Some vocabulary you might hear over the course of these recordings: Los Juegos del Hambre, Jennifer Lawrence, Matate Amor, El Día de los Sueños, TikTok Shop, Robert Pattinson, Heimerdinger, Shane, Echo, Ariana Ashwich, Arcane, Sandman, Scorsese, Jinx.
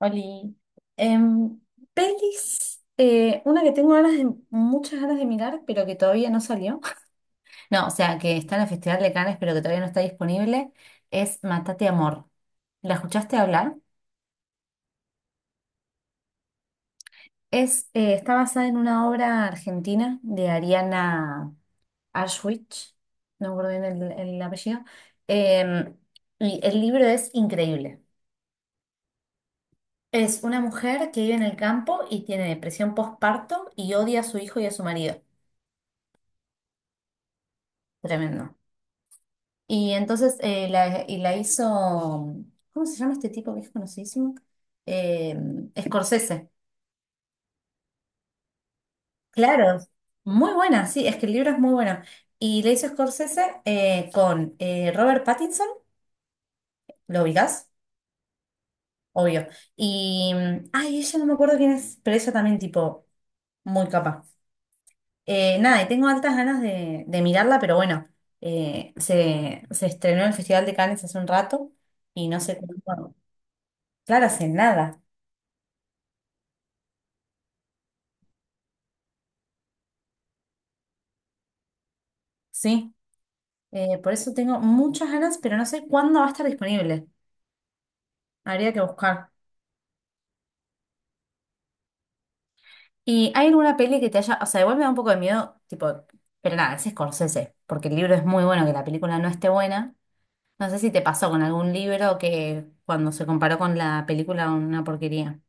Oli, em, pelis, una que tengo ganas de, muchas ganas de mirar, pero que todavía no salió. No, o sea, que está en el Festival de Cannes, pero que todavía no está disponible, es Matate Amor. ¿La escuchaste hablar? Es, está basada en una obra argentina de Ariana Ashwich, no me acuerdo bien el apellido, em, y el libro es increíble. Es una mujer que vive en el campo y tiene depresión postparto y odia a su hijo y a su marido. Tremendo. Y entonces y la hizo, ¿cómo se llama este tipo que es conocidísimo? Eh, Scorsese. Claro, muy buena, sí, es que el libro es muy bueno. Y la hizo Scorsese con Robert Pattinson, ¿lo ubicás? Obvio. Ella no me acuerdo quién es, pero ella también tipo muy capaz, nada, y tengo altas ganas de mirarla, pero bueno, se estrenó en el Festival de Cannes hace un rato y no sé cuándo. Claro, hace nada, sí. Por eso tengo muchas ganas, pero no sé cuándo va a estar disponible. Habría que buscar. ¿Y hay alguna peli que te haya, o sea, igual me da un poco de miedo, tipo, pero nada, es Scorsese, porque el libro es muy bueno, que la película no esté buena? No sé si te pasó con algún libro que cuando se comparó con la película una porquería.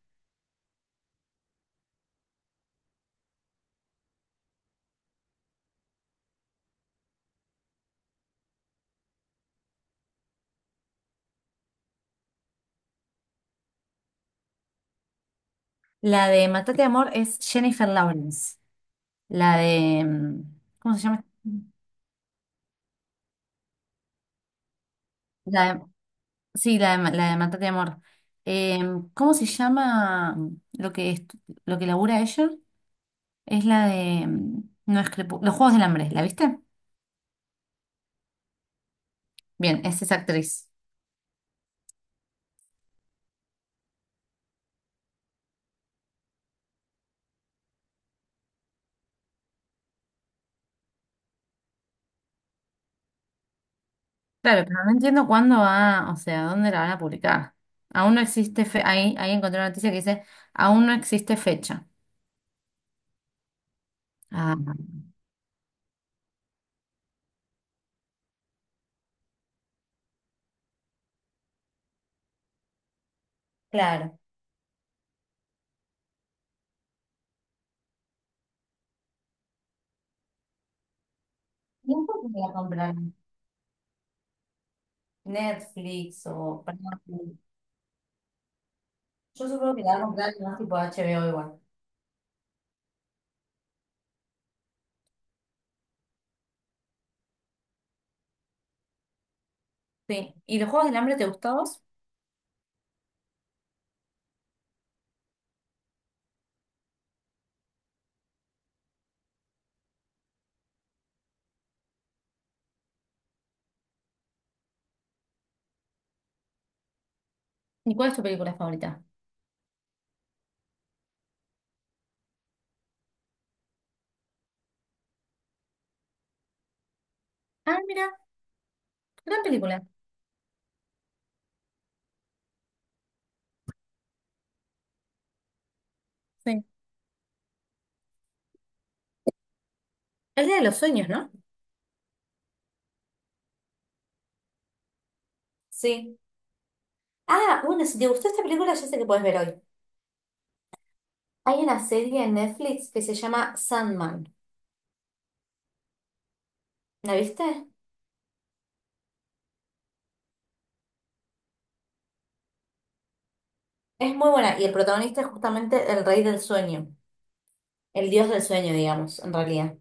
La de Matate Amor es Jennifer Lawrence. La de, mm, ¿Cómo se llama? La de- sí, la de Matate Amor. Eh, ¿Cómo se llama lo que, estu- lo que labura ella? Es la de... No es Los Juegos del Hambre, ¿la viste? Bien, es esa actriz. Claro, pero no entiendo cuándo va, o sea, dónde la van a publicar. Aún no existe fe... Ahí, encontré una noticia que dice, aún no existe fecha. Ah, claro. ¿Y entonces la comprarán? Netflix o... Prime. Yo supongo que la van a comprar más tipo HBO igual. Sí. ¿Y los Juegos del Hambre te gustó a vos? ¿Y cuál es tu película favorita? Ah, mira, gran película. Sí. El Día de los Sueños, ¿no? Sí. Ah, bueno, si te gustó esta película, ya sé que puedes ver hoy. Hay una serie en Netflix que se llama Sandman. ¿La viste? Es muy buena y el protagonista es justamente el rey del sueño, el dios del sueño, digamos, en realidad.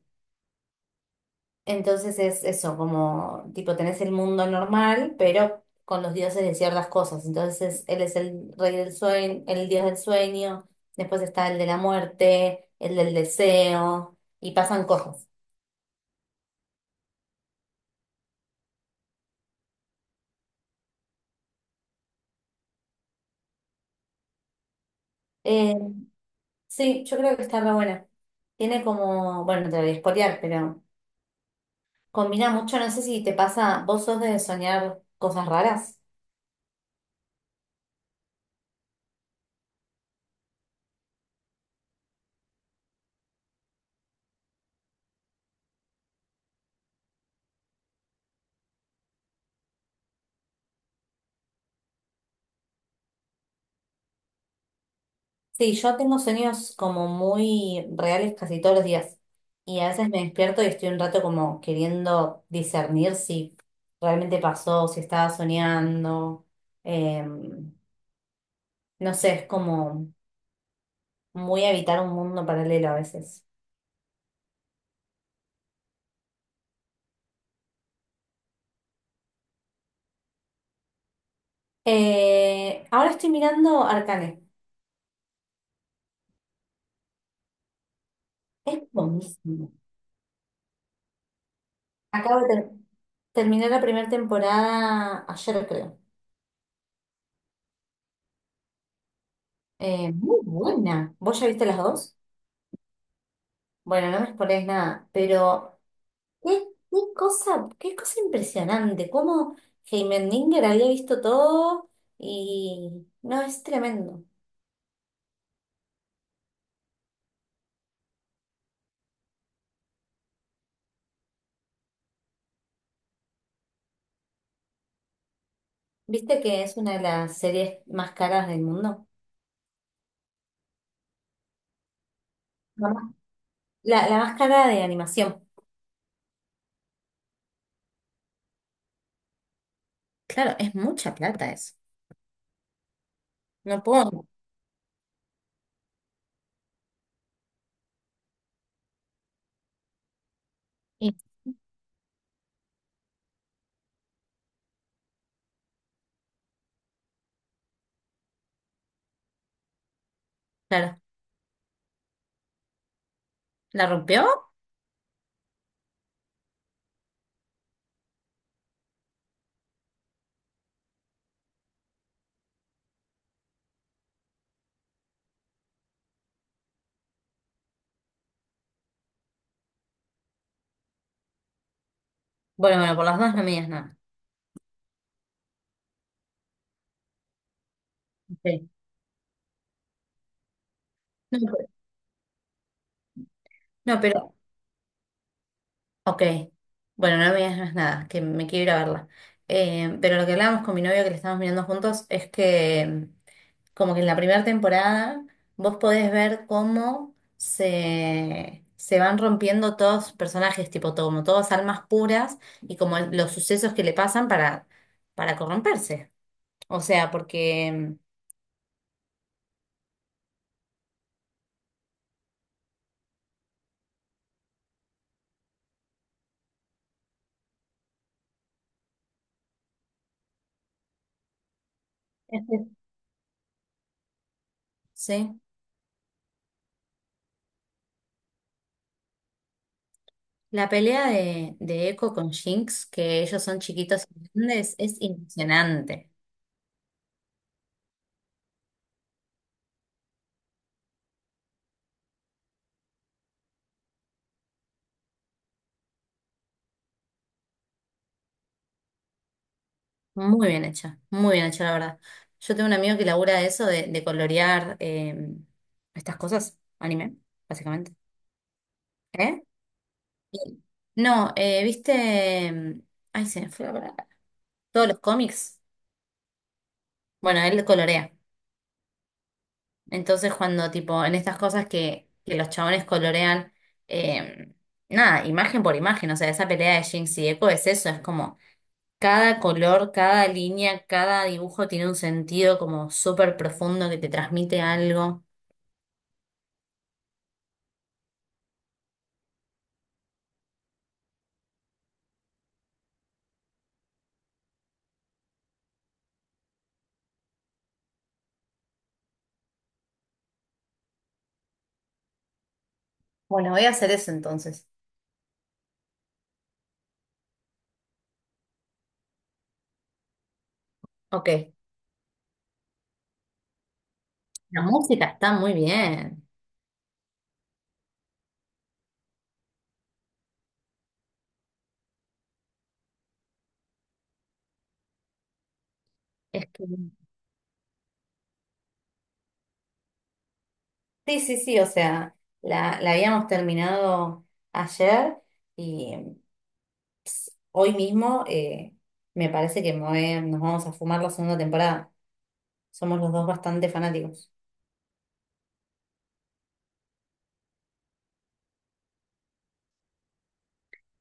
Entonces es eso, como tipo tenés el mundo normal, pero con los dioses de ciertas cosas. Entonces él es el rey del sueño, el dios del sueño, después está el de la muerte, el del deseo y pasan cosas. Eh, sí, yo creo que está re buena. Tiene como, bueno, no te lo voy a spoilear, pero combina mucho, no sé si te pasa, vos sos de soñar cosas raras. Sí, yo tengo sueños como muy reales casi todos los días. Y a veces me despierto y estoy un rato como queriendo discernir si realmente pasó, si estaba soñando. Em, no sé, es como muy habitar un mundo paralelo a veces. Ahora estoy mirando Arcane. Es buenísimo. Acabo de ter- Terminar la primera temporada ayer, creo. Muy buena. ¿Vos ya viste las dos? Bueno, no me spoilees nada, pero qué, qué cosa impresionante. Cómo Heimerdinger había visto todo y no, es tremendo. ¿Viste que es una de las series más caras del mundo? La, más- la más cara de animación. Claro, es mucha plata eso. No puedo. Y, claro, ¿la rompió? Bueno, bueno, por las dos no me digas nada. Ok. No, pero- no, pero ok, bueno, no me digas más nada, que me quiero ir a verla. Pero lo que hablábamos con mi novio que le estamos mirando juntos es que, como que en la primera temporada vos podés ver cómo se van rompiendo todos los personajes, tipo todo, como todas almas puras y como los sucesos que le pasan para corromperse. O sea, porque este, sí, la pelea de Echo con Jinx, que ellos son chiquitos y grandes, es impresionante. Muy bien hecha, la verdad. Yo tengo un amigo que labura de eso, de colorear, estas cosas, anime, básicamente. ¿Eh? Y- No, ¿viste? Ay, se me fue la palabra. Todos los cómics. Bueno, él colorea. Entonces, cuando, tipo, en estas cosas que los chabones colorean, eh, nada, imagen por imagen, o sea, esa pelea de Jinx y Echo es eso, es como cada color, cada línea, cada dibujo tiene un sentido como súper profundo que te transmite algo. Bueno, voy a hacer eso entonces. Ok, la música está muy bien. Es que, sí, sí, sí, o sea, la habíamos terminado ayer y hoy mismo, me parece que nos vamos a fumar la segunda temporada. Somos los dos bastante fanáticos.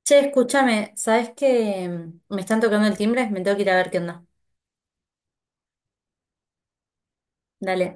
Che, escúchame, ¿sabes que Me están tocando el timbre, me tengo que ir a ver qué onda. Dale.